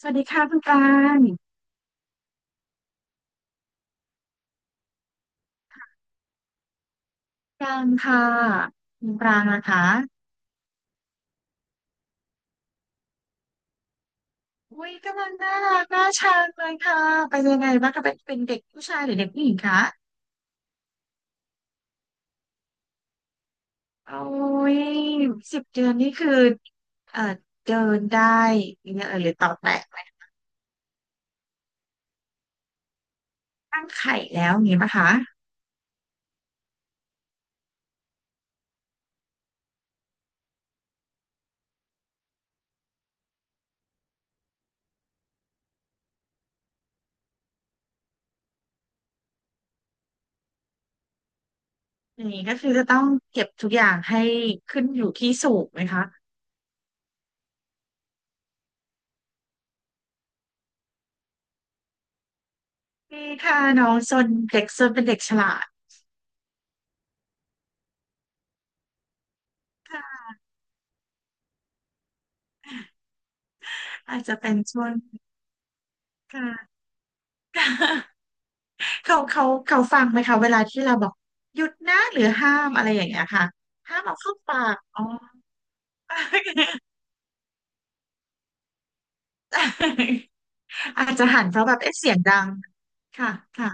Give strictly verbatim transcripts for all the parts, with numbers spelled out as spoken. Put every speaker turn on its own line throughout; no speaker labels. สวัสดีค่ะคุณปรางปรางค่ะคุณปรางนะคะอุ้ยกำลังน่ารักน่าชังเลยค่ะเป็นยังไงบ้างคะเป็นเป็นเด็กผู้ชายหรือเด็กผู้หญิงคะโอ้ยสิบเดือนนี่คือเอ่อเดินได้เนี่ยเออหรือต่อแตะไหมตั้งไข่แล้วอย่างนี้ปะคะอย่างนี้ก็คือจะต้องเก็บทุกอย่างให้ขึ้นอยู่ที่สูงไหมคะนี่ค่ะน้องซนเด็กซนเป็นเด็กฉลาดค่ะอาจจะเป็นช่วงค่ะ เขาเขาเขาฟังไหมคะเวลาที่เราบอกหยุดนะหรือห้ามอะไรอย่างเงี้ยค่ะห้ามเอาเข้าปากอ๋อ อาจจะหันเพราะแบบเอ๊ะเสียงดังค่ะค่ะ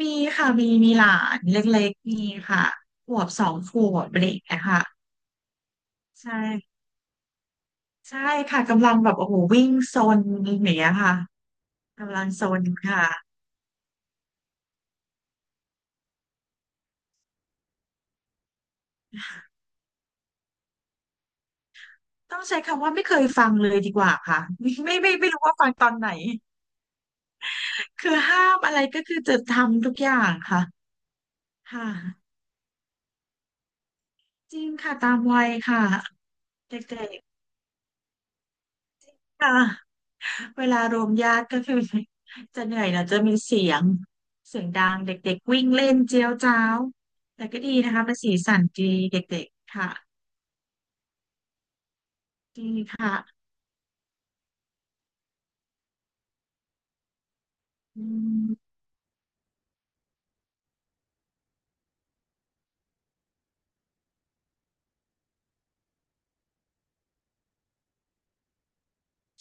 มีค่ะมีมีหลานเล็กๆมีค่ะขวบสองขวบอะไรอย่างเงี้ยค่ะใช่ใช่ค่ะกำลังแบบโอ้โหวิ่งซนอย่างเงี้ยค่ะกำลังซนค่ะต้องใช้คำว่าไม่เคยฟังเลยดีกว่าค่ะไม่ไม่ไม่ไม่รู้ว่าฟังตอนไหน คือห้ามอะไรก็คือจะทำทุกอย่างค่ะค่ะจริงค่ะตามวัยค่ะเด็กๆค่ะเวลารวมญาติก็คือจะเหนื่อยนะจะมีเสียงเสียงดังเด็กๆวิ่งเล่นเจียวจ้าวแต่ก็ดีนะคะเป็นสีสันดีเด็กๆค่ะดีค่ะอืม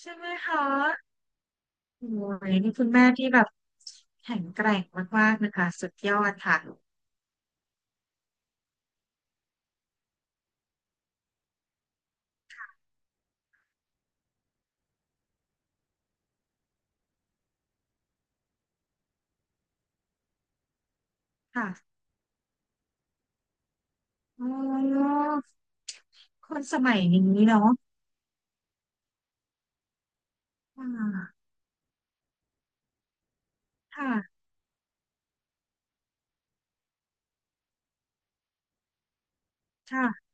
ใช่ไหมคะโอ้ยนี่คุณแม่ที่แบบแข็งแกร่งมากๆนะคะสุดยอดค่ะค่ะอ๋อคนสมัยนี้เนาะ ค่ะค่ะ ค่ะ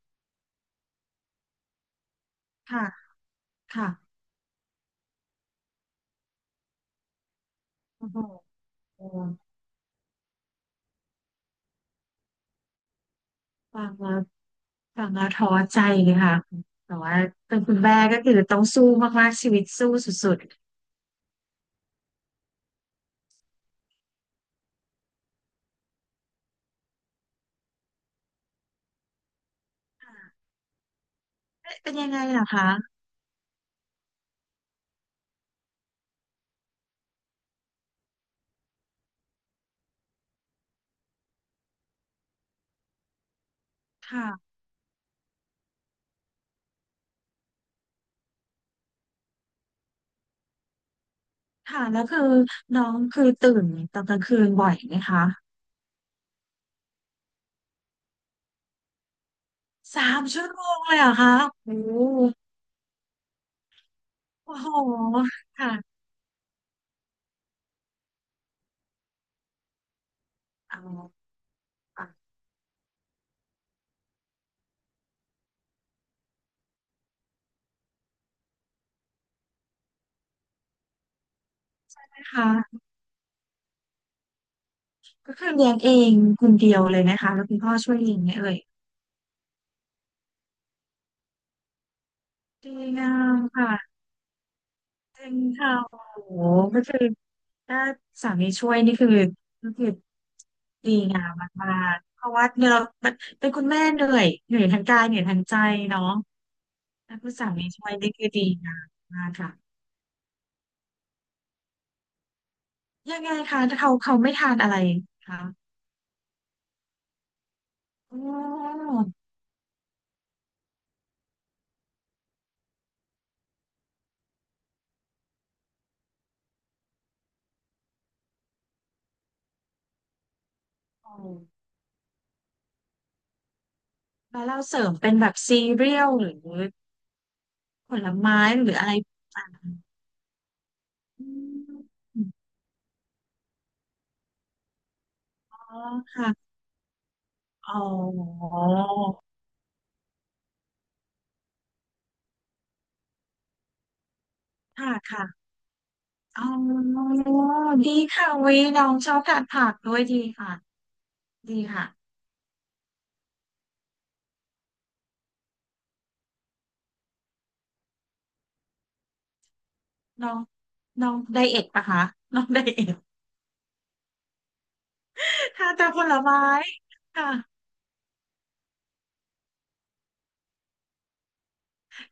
ค่ะค่ะโอ้โหฟังแล้วฟังแล้วท้อใจเลยค่ะแต่ว่าเป็นคุณแม่ก็คือต้องสู้มากๆชีวิตสู้สุดๆค่ะเอ๊ะเป็นยังไงเหรอคะค่ะค่ะแล้วคือน้องคือตื่นตอนกลางคืนบ่อยไหมคะสามชั่วโมงเลยเหรอคะโอ้โหโอ้โหค่ะเอาเอานะคะก็คือเลี้ยงเองคนเดียวเลยนะคะแล้วคุณพ่อช่วยเลี้ยงไหมเอ่ยดีงามค่ะ จริงค่ะโอ้โหก็คือถ้าสามีช่วยนี่คือก็คือดีงามมากๆเพราะว่าเนี่ยเรามันเป็นคุณแม่เหนื่อยเหนื่อยทั้งกายเหนื่อยทั้งใจเนาะถ้าคุณสามีช่วยนี่คือดีงามมากค่ะยังไงคะถ้าเขาเขาไม่ทานอะไรคะอ๋อโอ้แล้วเราเสริมเป็นแบบซีเรียลหรือผลไม้หรืออะไรต่างๆอมอ๋อค่ะอ๋อค่ะค่ะ อ๋อดีค่ะวิน้องชอบทานผักด้วยดีค่ะดีค่ะน้องน้องไดเอทปะคะน้องไดเอท ทานแต่ผลไม้ค่ะ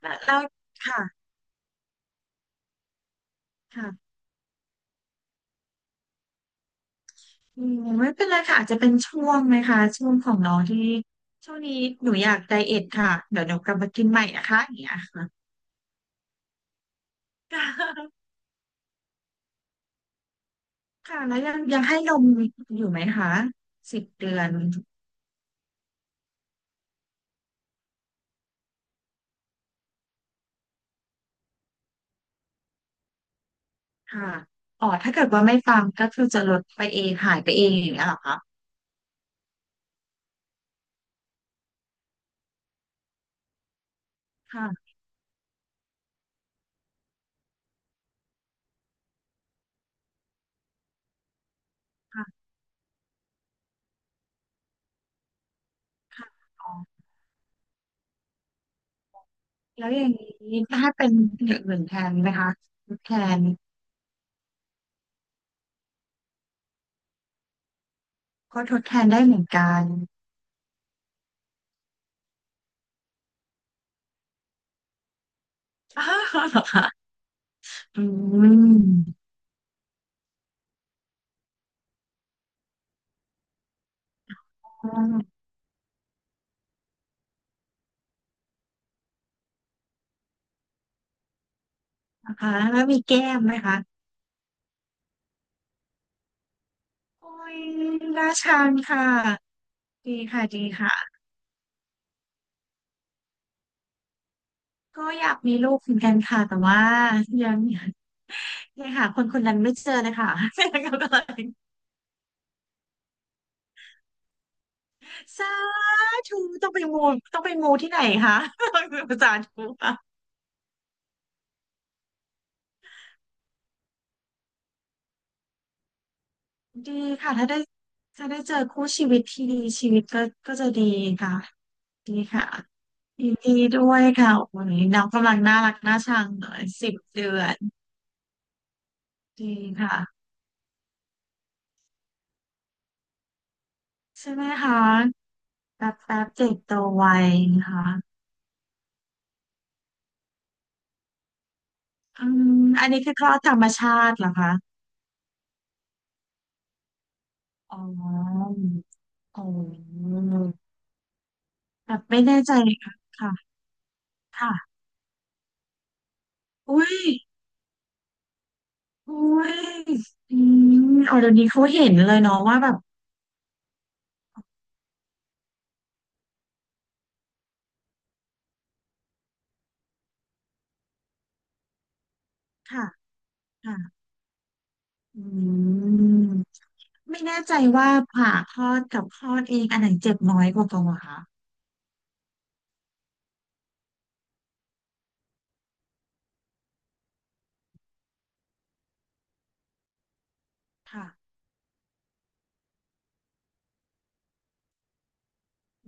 แล้วแล้วค่ะค่ะอืมไม่เป็นไรค่ะอาจจะเป็นช่วงไหมคะช่วงของน้องที่ช่วงนี้หนูอยากไดเอทค่ะเดี๋ยวหนูกลับมากินใหม่นะคะอย่างเงี้ยค่ะค่ะแล้วยังยังให้นมอยู่ไหมคะสิบเดือนค่ะอ๋อถ้าเกิดว่าไม่ฟังก็คือจะลดไปเองหายไปเองอย่างเงี้ยเหรอคะ ค่ะค่ะค่ะอ๋อแล้วอย่างนี้ถ้าเป็นอย่างอื่นแทนไหมคะทดแทนก็ทดแทนได้เหมือนกันอ้าวเหรอคะอืมอืมนะคะแล้วมีแก้มไหมคะโอ้ยน่าชังค่ะดีค่ะดีค่ะก็อยากมีลูกเหมือนกันค่ะแต่ว่ายังยังหาคนคนนั้นไม่เจอเลยค่ะ ก็เลยสาธุต้องไปมูต้องไปมูที่ไหนคะ สาธุ ดีค่ะถ้าได้ถ้าได้เจอคู่ชีวิตที่ดีชีวิตก็ก็จะดีค่ะดีค่ะยินดีด้วยค่ะวันนี้น้องกำลังน่ารักน่าชังเลยสิบเดือนดีค่ะใช่ไหมคะแป๊บแป๊บเด็กโตไวนะคะอืมอันนี้คือคลอดธรรมชาติเหรอคะอ๋ออ๋อแบบไม่แน่ใจค่ะค่ะค่ะอุ้ยอุ้ยอืมอ๋อเดี๋ยวนี้เขาเห็นเลยเนาะว่าแบบค่ะ ค่ะอืมไม่แน่ใจว่าผ่าคลอดกับคลอดเองอันไหนเจ็บน้อยกว่ากันเหรอคะค่ะ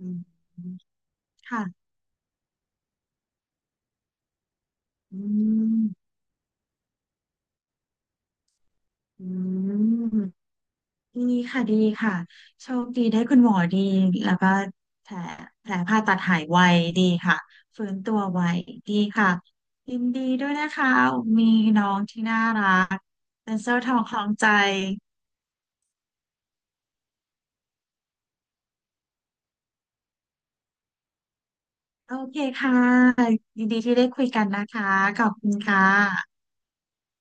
อืมค่ะอืมอืมดีค่ะดีค่ะโชคดีได้คุณหมอดี แล้วก็แผลแผลผ่าตัดหายไวดีค่ะฟื้นตัวไวดีค่ะยินดีด้วยนะคะ มีน้องที่น่ารักเป็นเส้าทองคล้องใจโอเคค่ะยินดีที่ได้คุยกันนะคะขอบคุณค่ะ